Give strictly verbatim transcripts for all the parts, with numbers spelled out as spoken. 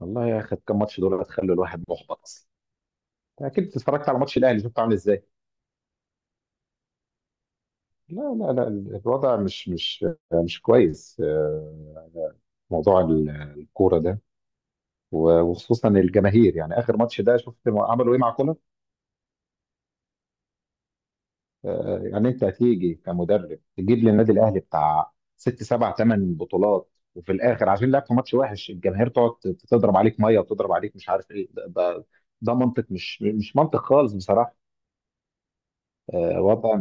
والله يا اخي كم ماتش دول هتخلوا الواحد محبط اصلا. أنت اكيد اتفرجت على ماتش الاهلي شفته عامل ازاي. لا لا لا، الوضع مش مش مش كويس. آه، موضوع ال- الكوره ده، و- وخصوصا الجماهير، يعني اخر ماتش ده شفت ما عملوا ايه مع كولر. آه، يعني انت هتيجي كمدرب تجيب للنادي الاهلي بتاع ست سبع ثمان بطولات، وفي الاخر عشان لعبت ماتش وحش الجماهير تقعد تضرب عليك ميه وتضرب عليك مش عارف ايه، ده, ده ده منطق، مش مش منطق خالص بصراحه. آه، وضع.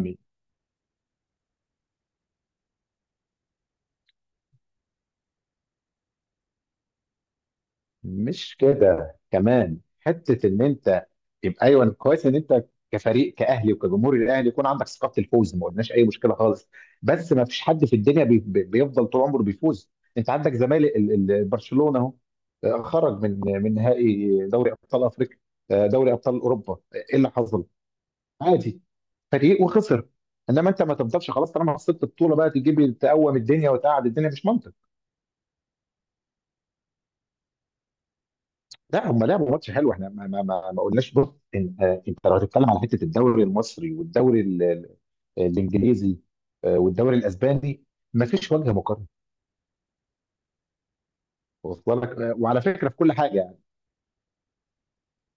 مش كده، كمان حته ان انت يبقى ايوه كويس ان انت كفريق كاهلي وكجمهور الاهلي يكون عندك ثقه الفوز، ما قلناش اي مشكله خالص. بس ما فيش حد في الدنيا بي بي- بيفضل طول عمره بيفوز. انت عندك زمالك، ال- ال- برشلونه اهو. آه، خرج من من نهائي دوري ابطال افريقيا. آه، دوري ابطال اوروبا، آه، ايه اللي حصل؟ عادي، فريق وخسر. انما انت ما تفضلش خلاص، طالما خسرت البطوله بقى تجيب تقوم الدنيا وتقعد الدنيا، مش منطق. لا هم لعبوا ماتش حلو، احنا ما ما ما, ما قلناش. بص، إن- آه، انت لو هتتكلم على حته الدوري المصري والدوري ال- ال- الانجليزي، آه، والدوري الاسباني، ما فيش وجه مقارنه. واصل لك، آه، وعلى فكره في كل حاجه يعني.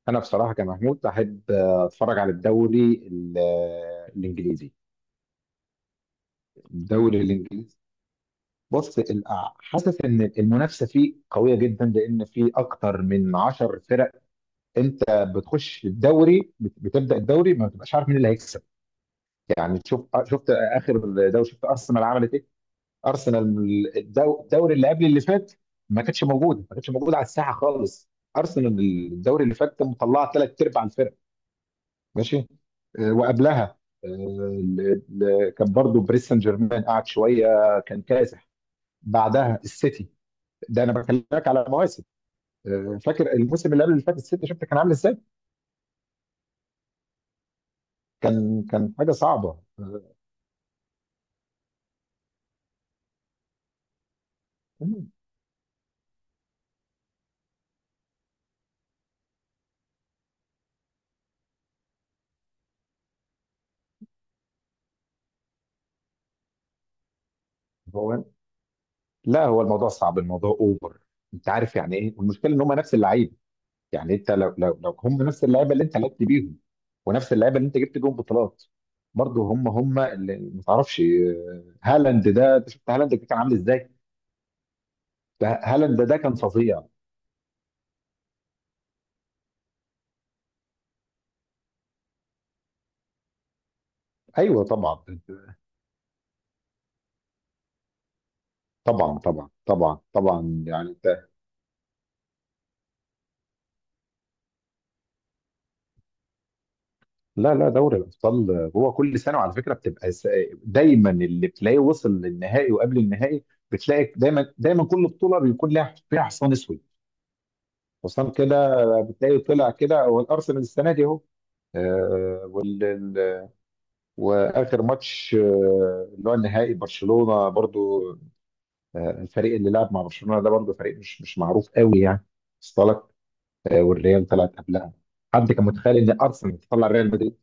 انا بصراحه كمحمود احب آه، اتفرج على الدوري ال- آه، الانجليزي. الدوري الانجليزي، بص ال- آه، حاسس ان المنافسه فيه قويه جدا، لان في اكتر من عشرة فرق. انت بتخش الدوري، بت- بتبدا الدوري ما بتبقاش عارف مين اللي هيكسب. يعني تشوف، شفت اخر دوري شفت ارسنال عملت ايه؟ ارسنال الدو- الدوري اللي قبل اللي فات، ما كانتش موجوده ما كانتش موجوده على الساحه خالص. ارسنال الدوري اللي فات مطلعه ثلاث ارباع الفرق. ماشي. آه، وقبلها آه، ال- ال- كان برضو باريس سان جيرمان قعد شويه، كان كاسح. بعدها السيتي. ده انا بكلمك على مواسم. آه، فاكر الموسم اللي قبل اللي فات السيتي شفت كان عامل ازاي؟ كان كان حاجه صعبه. آه، هو لا هو الموضوع صعب، الموضوع اوفر. انت عارف يعني ايه، والمشكله ان هم نفس اللعيبه. يعني انت لو لو لو هم نفس اللعيبه اللي انت لعبت بيهم، ونفس اللعيبه اللي انت جبت بيهم بطولات، برضه هم هم اللي ما تعرفش. آه، هالاند ده انت شفت هالاند كان عامل ازاي، ده هالاند ده كان فظيع. ايوه طبعا. طبعا طبعا طبعا طبعا، يعني انت. لا لا، دوري الابطال هو كل سنه، وعلى فكره بتبقى س- دايما اللي بتلاقيه وصل للنهائي وقبل النهائي، بتلاقي دايما دايما كل بطوله بيكون لها فيها حصان اسود. حسام كده، بتلاقيه طلع كده، هو الارسنال السنه دي اهو. آه، وال... ال- واخر ماتش آه، اللي هو النهائي برشلونه برضو. آه، الفريق اللي لعب مع برشلونه ده برضو فريق مش مش معروف قوي يعني. اصطلك. آه، والريال طلعت قبلها. حد كان متخيل ان ارسنال تطلع ريال مدريد؟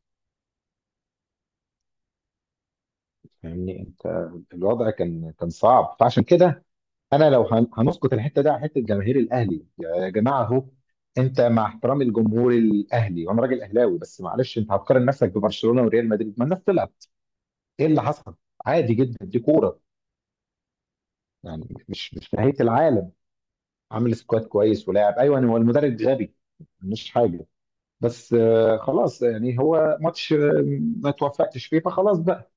يعني انت الوضع كان كان صعب، فعشان كده انا لو هن- هنسقط الحته دي على حته جماهير الاهلي يا جماعه اهو، انت مع احترام الجمهور الاهلي وانا راجل اهلاوي، بس معلش انت هتقارن نفسك ببرشلونه وريال مدريد؟ ما الناس تلعب، ايه اللي حصل؟ عادي جدا، دي كوره، يعني مش مش نهايه العالم. عامل سكواد كويس ولاعب، ايوه هو المدرب غبي، مش حاجه. بس آه، خلاص يعني هو ماتش، آه، ما توفقتش فيه فخلاص بقى.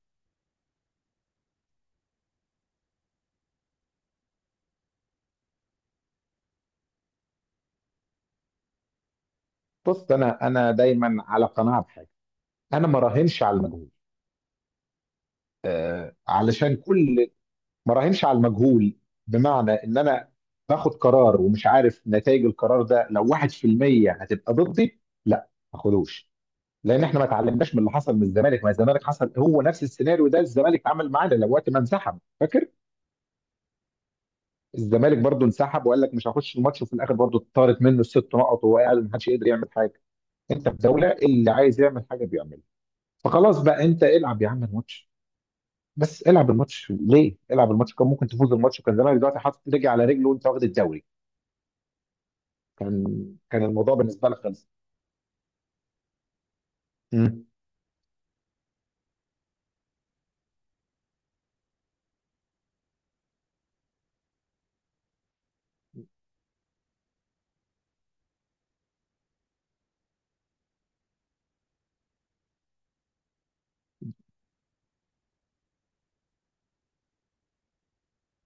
بص انا انا دايما على قناعه بحاجه، انا ما راهنش على المجهول. علشان كل ما راهنش على المجهول، بمعنى ان انا باخد قرار ومش عارف نتائج القرار ده، لو واحد في المية هتبقى ضدي. لا ما اخدوش، لان احنا ما اتعلمناش من اللي حصل من الزمالك، ما الزمالك حصل هو نفس السيناريو ده الزمالك عمل معانا، لو وقت ما انسحب فاكر، الزمالك برضو انسحب وقال لك مش هخش الماتش، وفي الاخر برضو اتطارت منه الست نقط وهو قاعد، ما حدش يقدر يعمل حاجه. انت في دوله اللي عايز يعمل حاجه بيعملها. فخلاص بقى انت العب يا عم الماتش، بس العب الماتش ليه؟ العب الماتش كان ممكن تفوز الماتش وكان زمانك دلوقتي حاطط رجل على رجل وانت واخد الدوري. كان كان الموضوع بالنسبه لك خلص. مم.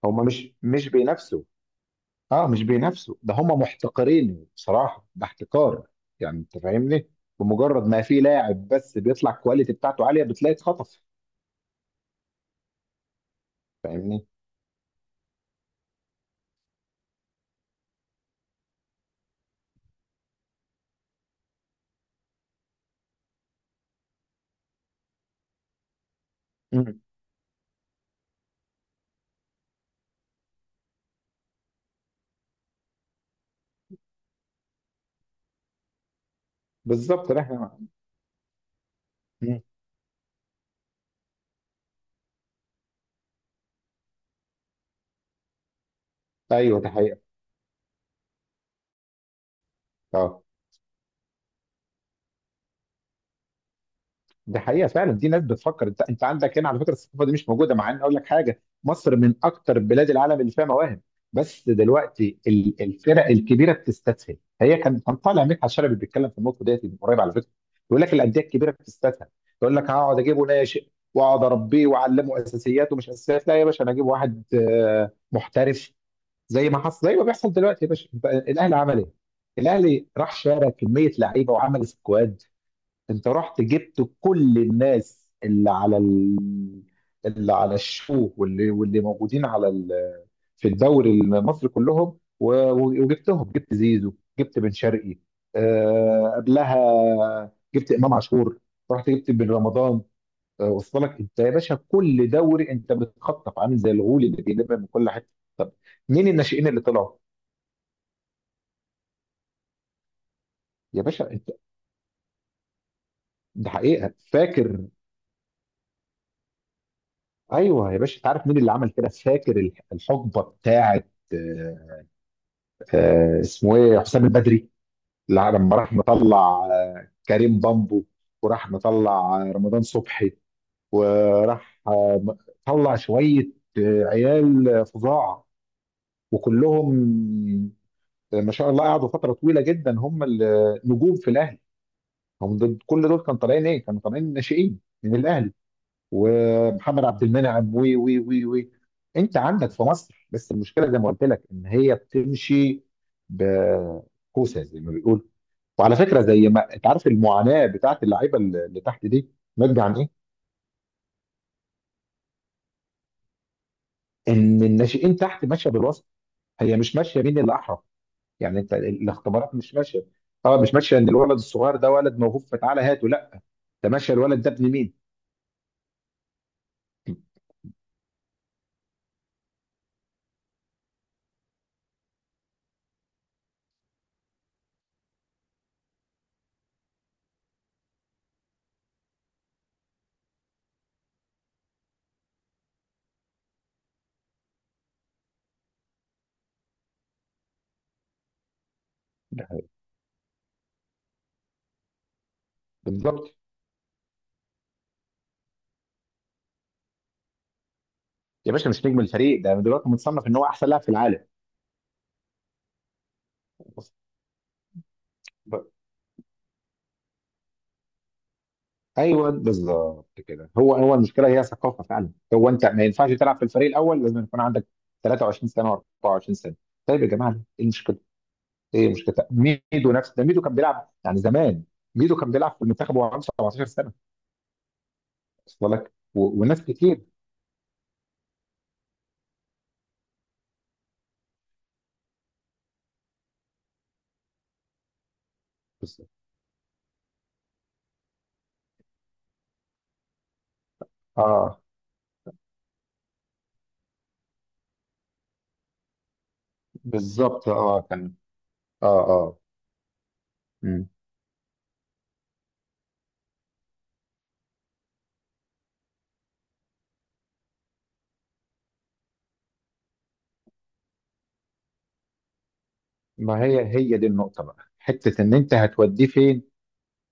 هم مش مش بينافسوا، اه مش بينافسوا، ده هم محتقرين بصراحه، ده احتكار. يعني انت فاهمني، بمجرد ما في لاعب بس بيطلع الكواليتي بتاعته عاليه بتلاقي اتخطف. فاهمني. مم. بالظبط احنا. مم. ايوه ده حقيقه. اه دي حقيقة فعلا، دي ناس بتفكر. انت انت عندك هنا على فكرة الثقافة دي مش موجودة، مع ان اقول لك حاجة، مصر من اكتر بلاد العالم اللي فيها مواهب. بس دلوقتي ال- الفرق الكبيرة بتستسهل. هي كان كان طالع مدحت شلبي بيتكلم في النقطة ديت من قريب على فكرة، يقول لك الأندية الكبيرة بتستسهل. تقول لك هقعد اجيبه ناشئ واقعد اربيه واعلمه اساسيات ومش اساسيات، لا يا باشا انا اجيب واحد آه، محترف. زي ما حصل، زي ما بيحصل دلوقتي يا باشا، انت- الاهلي عمل ايه؟ الاهلي راح شارى كمية لعيبة وعمل سكواد. انت رحت جبت كل الناس اللي على ال... اللي على الشو، واللي واللي موجودين على ال... في الدوري المصري كلهم، و... و- وجبتهم، جبت زيزو، جبت بن شرقي، آه... قبلها جبت امام عاشور، رحت جبت بن رمضان. آه، وصل لك انت يا باشا، كل دوري انت بتخطف عامل زي الغول اللي بيلم من كل حته. طب مين الناشئين اللي طلعوا يا باشا انت؟ ده حقيقه فاكر. ايوه يا باشا، انت عارف مين اللي عمل كده؟ فاكر الح- الحقبه بتاعت آه، آه، اسمه ايه، حسام البدري، اللي لما راح مطلع آه، كريم بامبو، وراح مطلع آه، رمضان صبحي، وراح آه، م- طلع شويه آه، عيال آه، فظاع، وكلهم آه، ما شاء الله قعدوا فتره طويله جدا هم النجوم في الاهلي. هم دول، كل دول كانوا طالعين ايه؟ كانوا طالعين ناشئين من الاهلي. ومحمد عبد المنعم وي وي وي وي انت عندك في مصر. بس المشكله زي ما قلت لك ان هي بتمشي بكوسه زي ما بيقول. وعلى فكره زي ما انت عارف، المعاناه بتاعت اللعيبه اللي اللي تحت دي ناتجه عن ايه؟ ان الناشئين تحت ماشيه بالوسط، هي مش ماشيه. مين اللي احرف، يعني انت الاختبارات مش ماشيه. طبعا مش ماشيه ان الولد الصغير ده ولد موهوب فتعالى هاته، لا، ده ماشيه الولد ده ابن مين؟ ده- بالظبط. يا باشا مش نجم الفريق، ده دلوقتي متصنف ان هو احسن لاعب في العالم. ايوه بالظبط كده، هو هو المشكله هي ثقافه فعلا. هو انت ما ينفعش تلعب في الفريق الاول لازم يكون عندك ثلاثة وعشرين سنه و24 سنه؟ طيب يا جماعه ايه المشكله؟ ايه المشكله؟ ميدو نفس ده، ميدو كان بيلعب يعني زمان، ميدو كان بيلعب في المنتخب وهو عنده سبعة عشر سنه. وصل لك و- وناس كتير. بس اه بالظبط، اه كان، اه اه. مم. ما هي هي دي النقطه بقى، حته ان انت هتوديه فين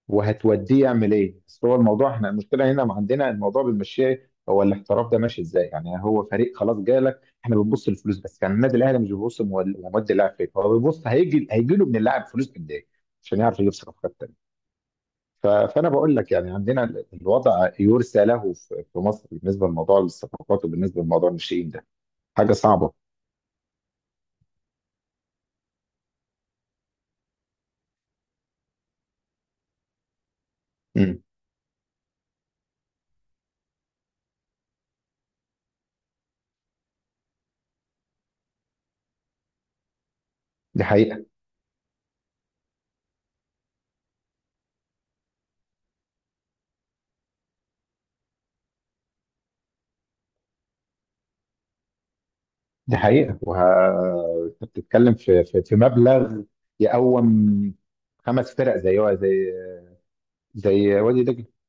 وهتوديه يعمل ايه؟ اصل هو الموضوع احنا المشكله هنا ما عندنا، الموضوع بنمشيه هو الاحتراف ده ماشي ازاي؟ يعني هو فريق خلاص جالك، احنا بنبص للفلوس بس. يعني النادي الاهلي مش بيبص مول- مودي اللاعب فين، هو بيبص هيجي هيجي له من اللاعب فلوس قد ايه، عشان يعرف يجيب صفقات تانيه. ف- فانا بقول لك يعني عندنا ال- الوضع يرثى له في في, مصر بالنسبه لموضوع الصفقات وبالنسبه لموضوع الناشئين ده، حاجه صعبه. امم، دي حقيقه. دي حقيقة وه... انت بتتكلم في في, في مبلغ يقوم خمس فرق زي زي زي وادي دجلة.